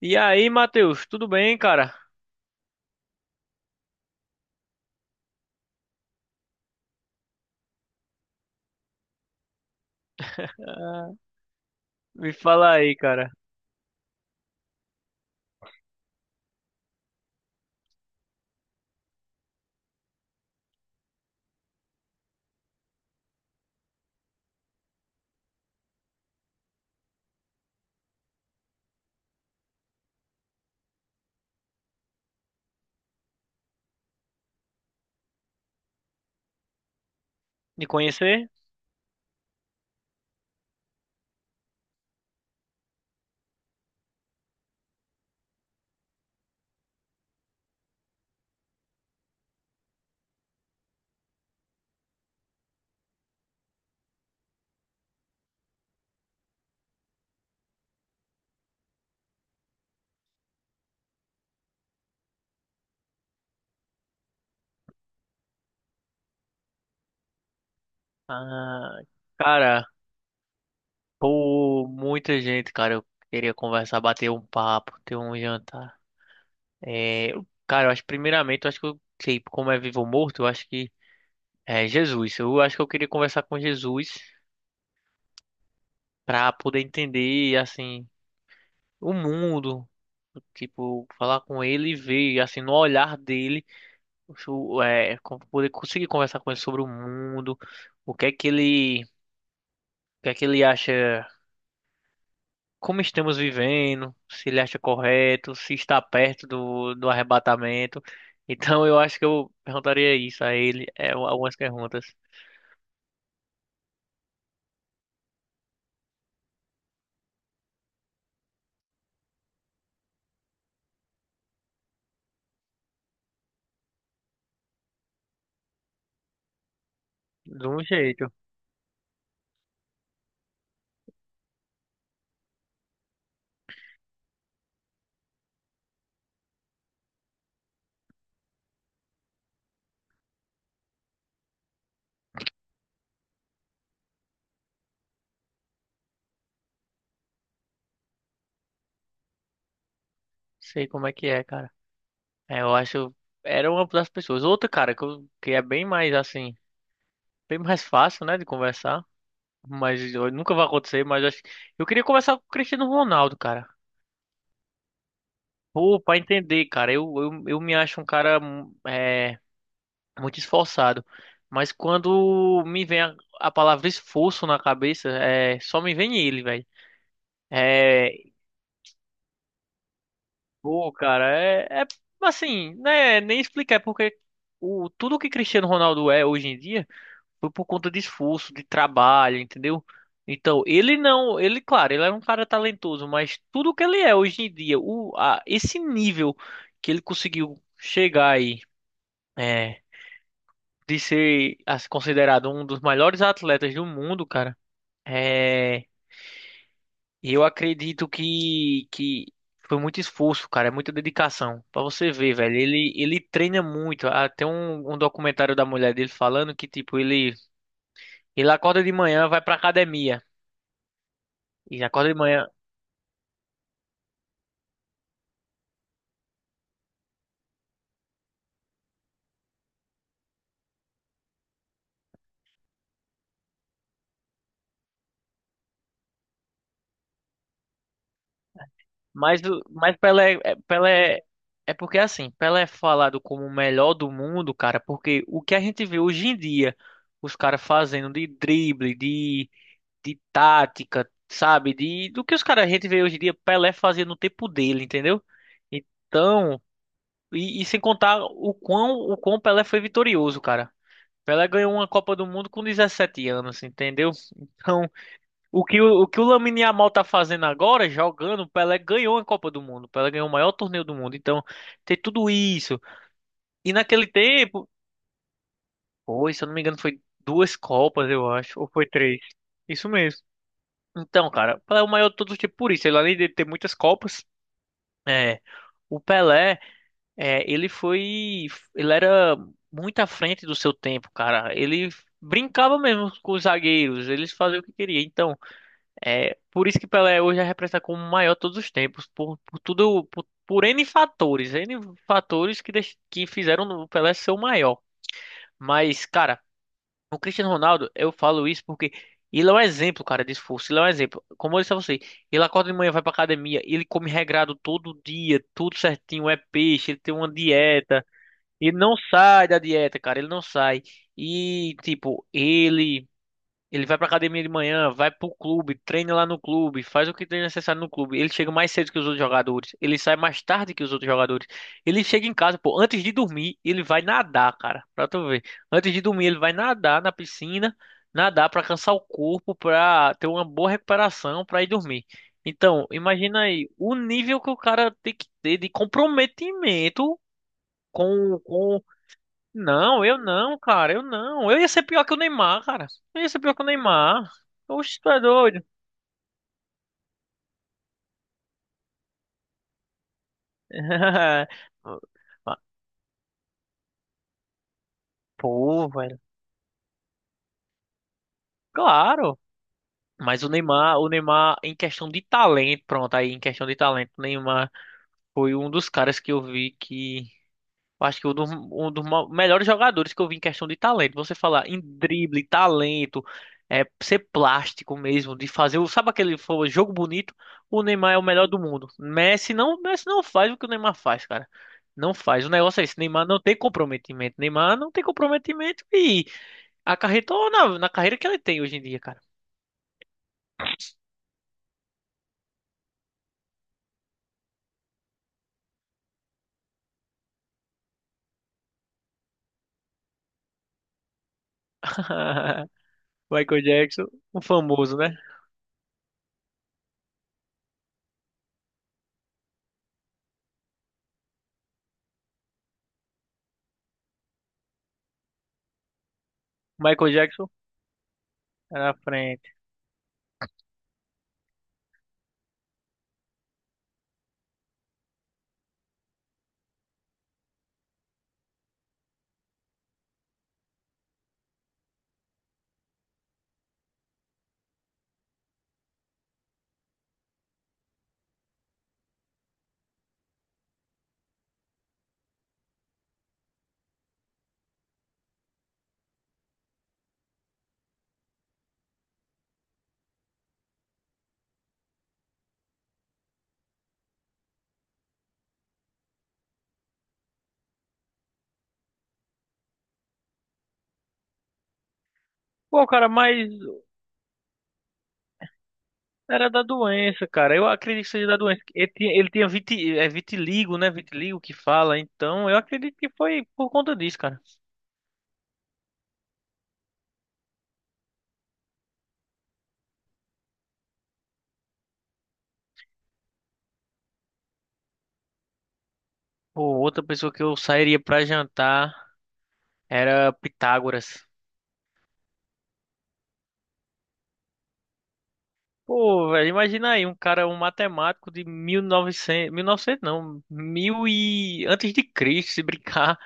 E aí, Matheus, tudo bem, cara? Ah, me fala aí, cara. Me conhecer? Ah, cara, pô, muita gente, cara. Eu queria conversar, bater um papo, ter um jantar. É, cara, eu acho, primeiramente, eu acho que eu sei como é vivo ou morto, eu acho que é Jesus. Eu acho que eu queria conversar com Jesus pra poder entender, assim, o mundo. Tipo, falar com ele e ver, assim, no olhar dele. Poder conseguir conversar com ele sobre o mundo, o que é que ele acha, como estamos vivendo, se ele acha correto, se está perto do arrebatamento. Então eu acho que eu perguntaria isso a ele, algumas perguntas. De um jeito, sei como é que é, cara. Eu acho, era uma das pessoas. Outra, cara, que, que é bem mais assim, bem mais fácil, né, de conversar. Mas nunca vai acontecer, mas eu acho. Eu queria conversar com o Cristiano Ronaldo, cara. Pô, pra entender, cara, eu me acho um cara muito esforçado, mas quando me vem a palavra esforço na cabeça, só me vem ele, velho. É, Pô, cara, é assim, né, nem explicar, porque tudo que Cristiano Ronaldo é hoje em dia foi por conta de esforço, de trabalho, entendeu? Então, ele não, ele, claro, ele é um cara talentoso, mas tudo que ele é hoje em dia, esse nível que ele conseguiu chegar aí. É, de ser assim, considerado um dos melhores atletas do mundo, cara, é, eu acredito que foi muito esforço, cara, é muita dedicação. Pra você ver, velho, ele treina muito. Até um documentário da mulher dele falando que, tipo, ele acorda de manhã, vai pra academia. E acorda de manhã. Mas, mas Pelé, Pelé, é porque assim, Pelé é falado como o melhor do mundo, cara, porque o que a gente vê hoje em dia, os caras fazendo de drible, de tática, sabe? De, do que os caras, a gente vê hoje em dia Pelé fazia no tempo dele, entendeu? Então, e sem contar o quão Pelé foi vitorioso, cara. Pelé ganhou uma Copa do Mundo com 17 anos, entendeu? Então, o que o Lamine Yamal tá fazendo agora, jogando, Pelé ganhou a Copa do Mundo. Pelé ganhou o maior torneio do mundo. Então, tem tudo isso. E naquele tempo, foi, se eu não me engano, foi duas Copas, eu acho, ou foi três. Isso mesmo. Então, cara, o Pelé é o maior de todos os tempos por isso. Ele, além de ter muitas Copas, é, o Pelé, ele foi, ele era muito à frente do seu tempo, cara. Ele brincava mesmo com os zagueiros, eles faziam o que queria. Então, é por isso que Pelé hoje é representado como o maior de todos os tempos, por tudo, por N fatores que fizeram o Pelé ser o maior. Mas, cara, o Cristiano Ronaldo, eu falo isso porque ele é um exemplo, cara, de esforço. Ele é um exemplo. Como eu disse a você, ele acorda de manhã, vai pra academia, ele come regrado todo dia, tudo certinho, é peixe, ele tem uma dieta. Ele não sai da dieta, cara, ele não sai. E, tipo, ele. Ele vai pra academia de manhã, vai pro clube, treina lá no clube, faz o que tem necessário no clube. Ele chega mais cedo que os outros jogadores. Ele sai mais tarde que os outros jogadores. Ele chega em casa, pô, antes de dormir, ele vai nadar, cara. Pra tu ver. Antes de dormir, ele vai nadar na piscina, nadar pra cansar o corpo, pra ter uma boa recuperação, pra ir dormir. Então, imagina aí o nível que o cara tem que ter de comprometimento com. Não, eu não, cara, eu não. Eu ia ser pior que o Neymar, cara. Eu ia ser pior que o Neymar. Oxe, tu é doido. Pô, velho. Claro. Mas o Neymar, em questão de talento, pronto, aí em questão de talento, o Neymar foi um dos caras que Eu acho que um dos, melhores jogadores que eu vi em questão de talento. Você falar em drible, talento, ser plástico mesmo, de fazer, sabe aquele jogo bonito? O Neymar é o melhor do mundo. Messi não faz o que o Neymar faz, cara. Não faz. O negócio é esse, Neymar não tem comprometimento. Neymar não tem comprometimento e acarretou na carreira que ele tem hoje em dia, cara. Michael Jackson, o famoso, né? Michael Jackson era na frente. Pô, cara, era da doença, cara. Eu acredito que seja da doença. Ele tinha é vitiligo, né? Vitiligo que fala. Então, eu acredito que foi por conta disso, cara. Pô, outra pessoa que eu sairia pra jantar era Pitágoras. Pô, velho, imagina aí, um cara, um matemático de 1900, 1900 não, mil e antes de Cristo, se brincar.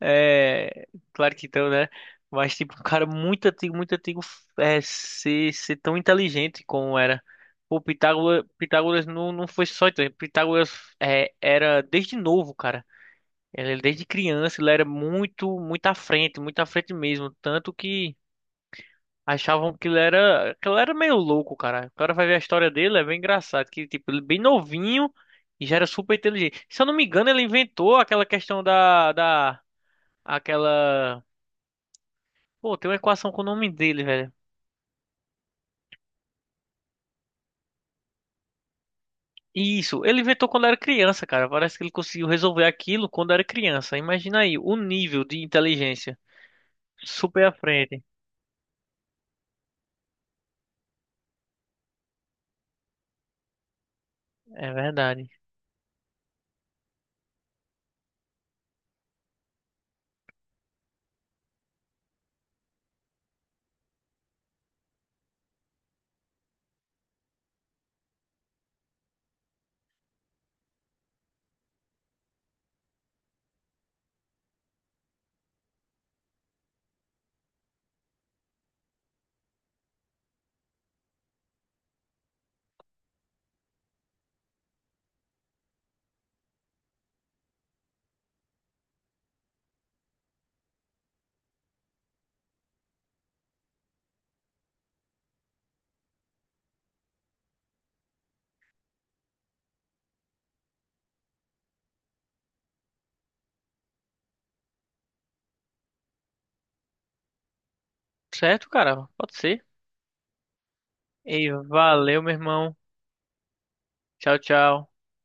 É, Claro que então, né? Mas, tipo, um cara muito antigo, ser tão inteligente como era. Pitágoras não, não foi só inteligente. Pitágoras era desde novo, cara. Ele, desde criança, ele era muito, muito à frente mesmo. Tanto que achavam que ele era meio louco, cara. O cara vai ver a história dele, é bem engraçado. Que, tipo, ele bem novinho e já era super inteligente. Se eu não me engano, ele inventou aquela questão aquela pô, tem uma equação com o nome dele, velho. Isso, ele inventou quando era criança, cara. Parece que ele conseguiu resolver aquilo quando era criança. Imagina aí, o nível de inteligência. Super à frente. É verdade. Certo, cara? Pode ser. E valeu, meu irmão. Tchau, tchau.